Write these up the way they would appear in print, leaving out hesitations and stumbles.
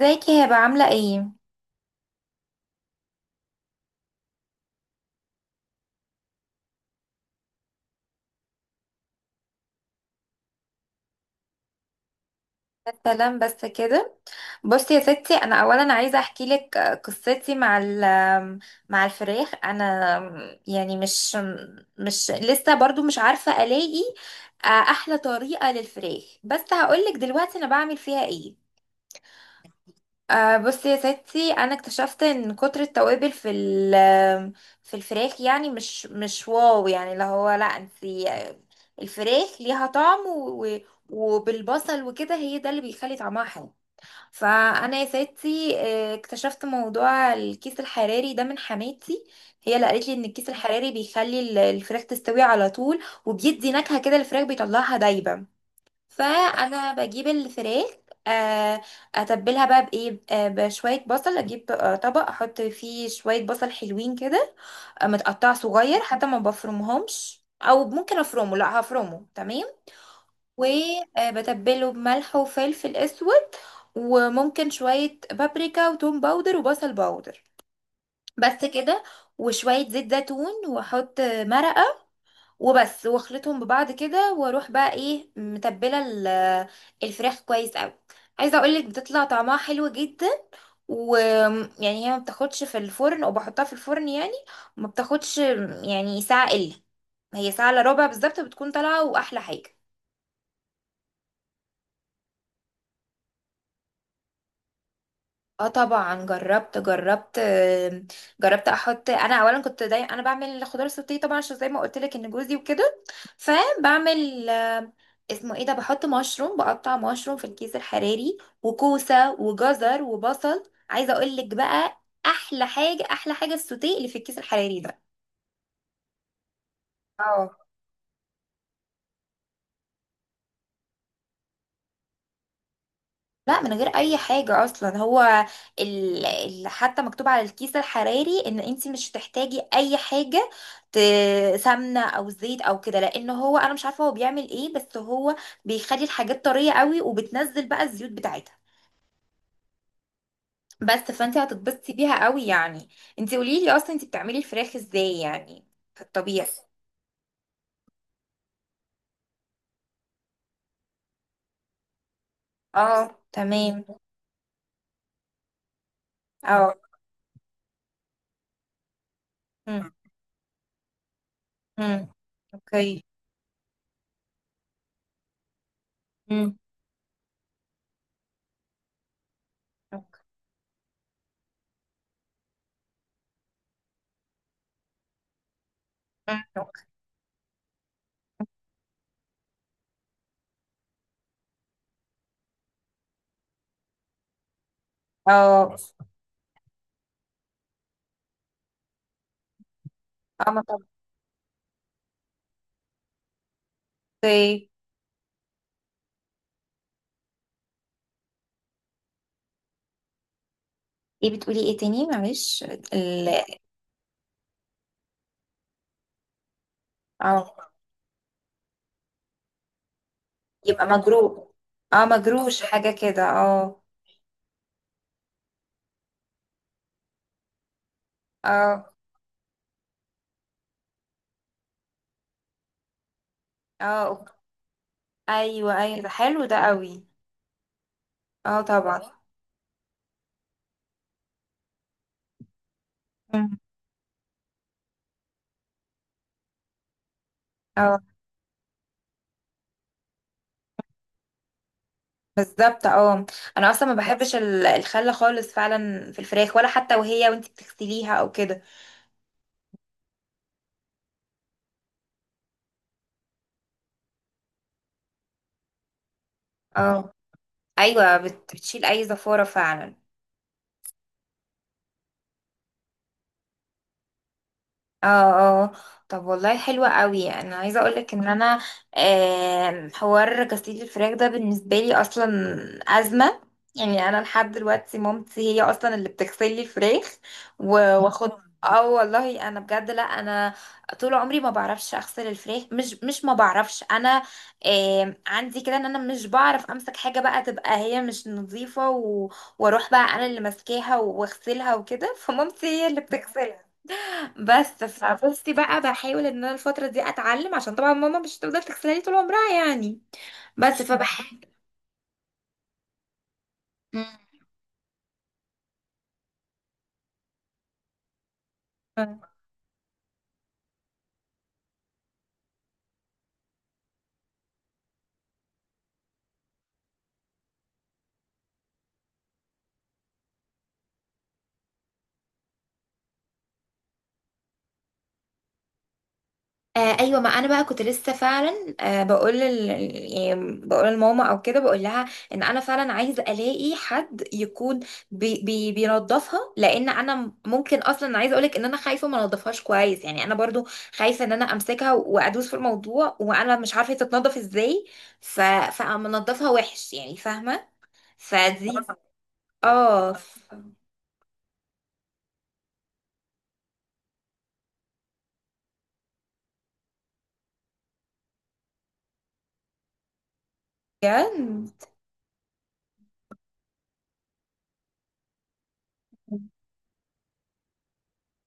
ازيك يا هبه، عامله ايه؟ السلام بس كده. بصي يا ستي، انا اولا عايزه احكي لك قصتي مع مع الفراخ. انا يعني مش لسه برضو مش عارفه الاقي احلى طريقه للفراخ، بس هقول لك دلوقتي انا بعمل فيها ايه. بصي يا ستي، انا اكتشفت ان كتر التوابل في الفراخ، يعني مش واو، يعني اللي هو، لا انتي، الفراخ ليها طعم وبالبصل وكده، هي ده اللي بيخلي طعمها حلو. فانا يا ستي، اكتشفت موضوع الكيس الحراري ده من حماتي. هي اللي قالت لي ان الكيس الحراري بيخلي الفراخ تستوي على طول، وبيدي نكهة كده، الفراخ بيطلعها دايبة. فانا بجيب الفراخ، آه، اتبلها بقى بايه، بشويه بصل. اجيب طبق احط فيه شويه بصل حلوين كده، متقطع صغير، حتى ما بفرمهمش، او ممكن افرمه، لا هفرمه تمام. وبتبله بملح وفلفل اسود، وممكن شويه بابريكا وتوم باودر وبصل باودر. بس كده، وشويه زيت زيتون، واحط مرقه وبس، واخلطهم ببعض كده، واروح بقى ايه، متبله الفراخ كويس قوي. عايزه اقولك بتطلع طعمها حلو جدا. ويعني هي ما بتاخدش في الفرن، او بحطها في الفرن يعني ما بتاخدش، يعني ساعه الا هي ساعه الا ربع بالظبط بتكون طالعه، واحلى حاجه. اه طبعا، جربت، جربت احط، انا اولا كنت داي انا بعمل خضار سوتيه طبعا، عشان زي ما قلت لك ان جوزي وكده. فبعمل، اسمه ايه ده، بحط مشروم، بقطع مشروم في الكيس الحراري، وكوسه وجزر وبصل. عايزه اقول لك بقى، احلى حاجه، احلى حاجه السوتيه اللي في الكيس الحراري ده. اه، لا من غير اي حاجة اصلا، هو حتى مكتوب على الكيس الحراري ان انت مش هتحتاجي اي حاجة، ت... سمنة او زيت او كده، لان هو، انا مش عارفة هو بيعمل ايه، بس هو بيخلي الحاجات طرية قوي، وبتنزل بقى الزيوت بتاعتها. بس فانت هتتبسطي بيها قوي يعني. انت قولي لي اصلا، انت بتعملي الفراخ ازاي يعني، في الطبيعي؟ اه تمام، اه. مم، مم. اوكي، مم. اوكي، مم، أوكي. اه، اه، ما طب- اوكي. ايه بتقولي؟ ايه تاني، معلش؟ ال- اه، يبقى مجروح، اه مجروش حاجة كده، اه، اه، اه، ايوه، ايوه، ده حلو، ده قوي. اه طبعا، مم. اه بالظبط، اه. انا اصلا ما بحبش الخل خالص فعلا في الفراخ، ولا حتى وانت بتغسليها او كده. اه ايوه، بتشيل اي زفارة فعلا. اه، اه، طب والله حلوة قوي، انا عايزة اقولك ان انا، حوار غسيل الفراخ ده بالنسبة لي اصلا ازمة. يعني انا لحد دلوقتي مامتي هي اصلا اللي بتغسل لي الفراخ، واخد. اه والله، انا بجد، لا انا طول عمري ما بعرفش اغسل الفراخ، مش ما بعرفش انا، عندي كده ان انا مش بعرف امسك حاجة بقى تبقى هي مش نظيفة، واروح بقى انا اللي ماسكاها واغسلها وكده فمامتي هي اللي بتغسلها. بس فبصي بقى، بحاول ان انا الفتره دي اتعلم، عشان طبعا ماما مش هتفضل تغسلها لي طول عمرها يعني، بس فبحاول. مم. ايوه، ما انا بقى كنت لسه فعلا، بقول يعني بقول لماما او كده، بقول لها ان انا فعلا عايزه الاقي حد يكون، بينظفها، لان انا ممكن اصلا عايزه اقولك ان انا خايفه ما انضفهاش كويس يعني، انا برضو خايفه ان انا امسكها وادوس في الموضوع، وانا مش عارفه هي تتنضف ازاي، ف... فمنضفها وحش يعني، فاهمه؟ فدي. اه بجد.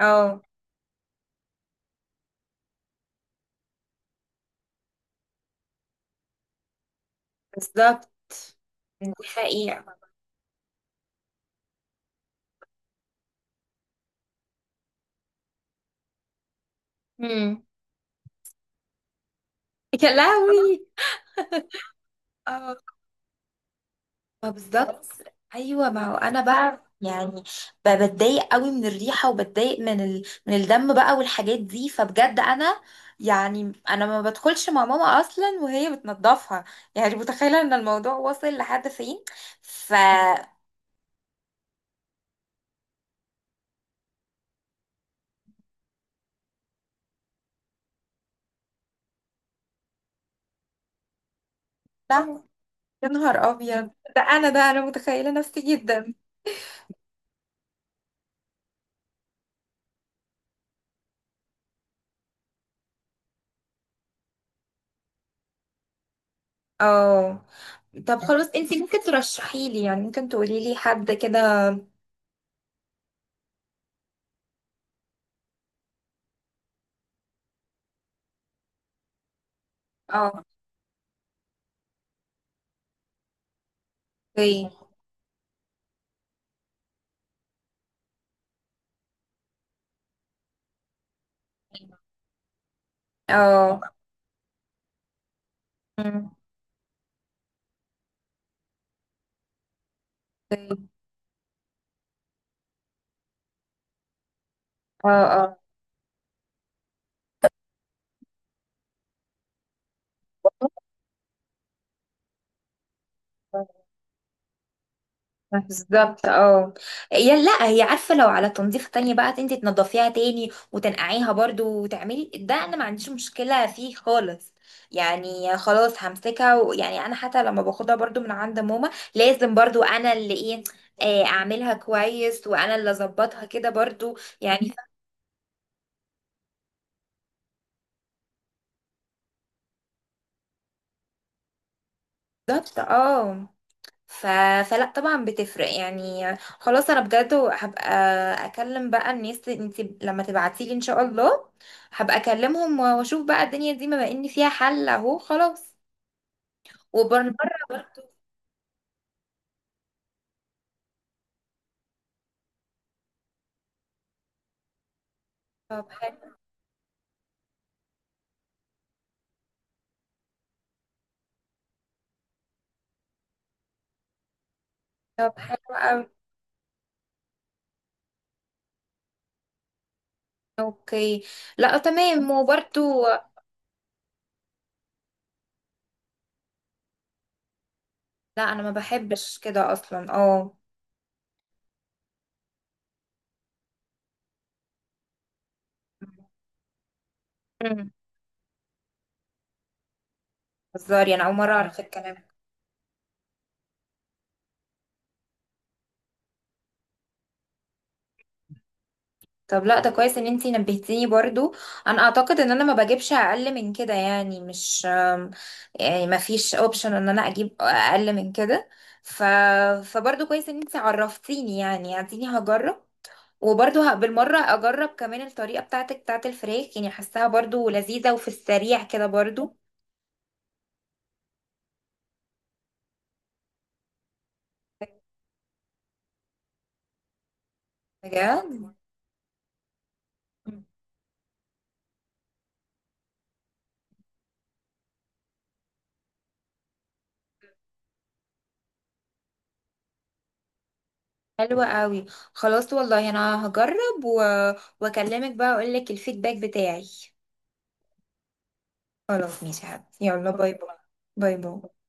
اه بالظبط، دي حقيقة. امم. يا لهوي. اه، بالظبط. ايوه، ما هو انا بقى يعني، بتضايق قوي من الريحة، وبتضايق من الدم بقى والحاجات دي، فبجد انا يعني انا ما بدخلش مع ماما اصلا وهي بتنضفها. يعني متخيلة ان الموضوع وصل لحد فين. ف لا، يا نهار ابيض، ده انا، ده انا متخيلة نفسي جدا. اه. طب خلاص، انت ممكن ترشحي لي يعني، ممكن تقولي لي حد كده؟ اه، اوكي. اه، أمم، اوكي. اه، اه، بالظبط، اه. هي لا هي عارفه، لو على تنظيف تاني بقى انت تنضفيها تاني وتنقعيها برضو وتعملي ده، انا ما عنديش مشكله فيه خالص. يعني خلاص همسكها، ويعني انا حتى لما باخدها برضو من عند ماما لازم برضو انا اللي ايه، اعملها كويس، وانا اللي اظبطها كده برضو يعني. بالظبط، اه. ف... فلا طبعا بتفرق يعني، خلاص انا بجد هبقى اكلم بقى الناس، انت لما تبعتيلي ان شاء الله هبقى اكلمهم، واشوف بقى الدنيا دي بما ان فيها حل اهو، خلاص وبرمرة. طب حلو. طب حلو قوي. اوكي. لا تمام وبرده. لا، انا ما بحبش كده اصلا، اه. مم. هزاري انا اول مره اعرف الكلام. طب لا، ده كويس ان انتي نبهتيني برضو. انا اعتقد ان انا ما بجيبش اقل من كده يعني، مش، يعني ما فيش اوبشن ان انا اجيب اقل من كده، ف فبرضو كويس ان انتي عرفتيني يعني، اديني هجرب. وبرضو بالمرة اجرب كمان الطريقة بتاعتك بتاعت الفراخ، يعني حاساها برضو لذيذة، وفي السريع كده برضو. بجد. مم. حلوة قوي. خلاص والله انا هجرب واكلمك بقى، اقول لك الفيدباك بتاعي. خلاص ماشي يا حبيبتي. يلا باي باي. باي باي.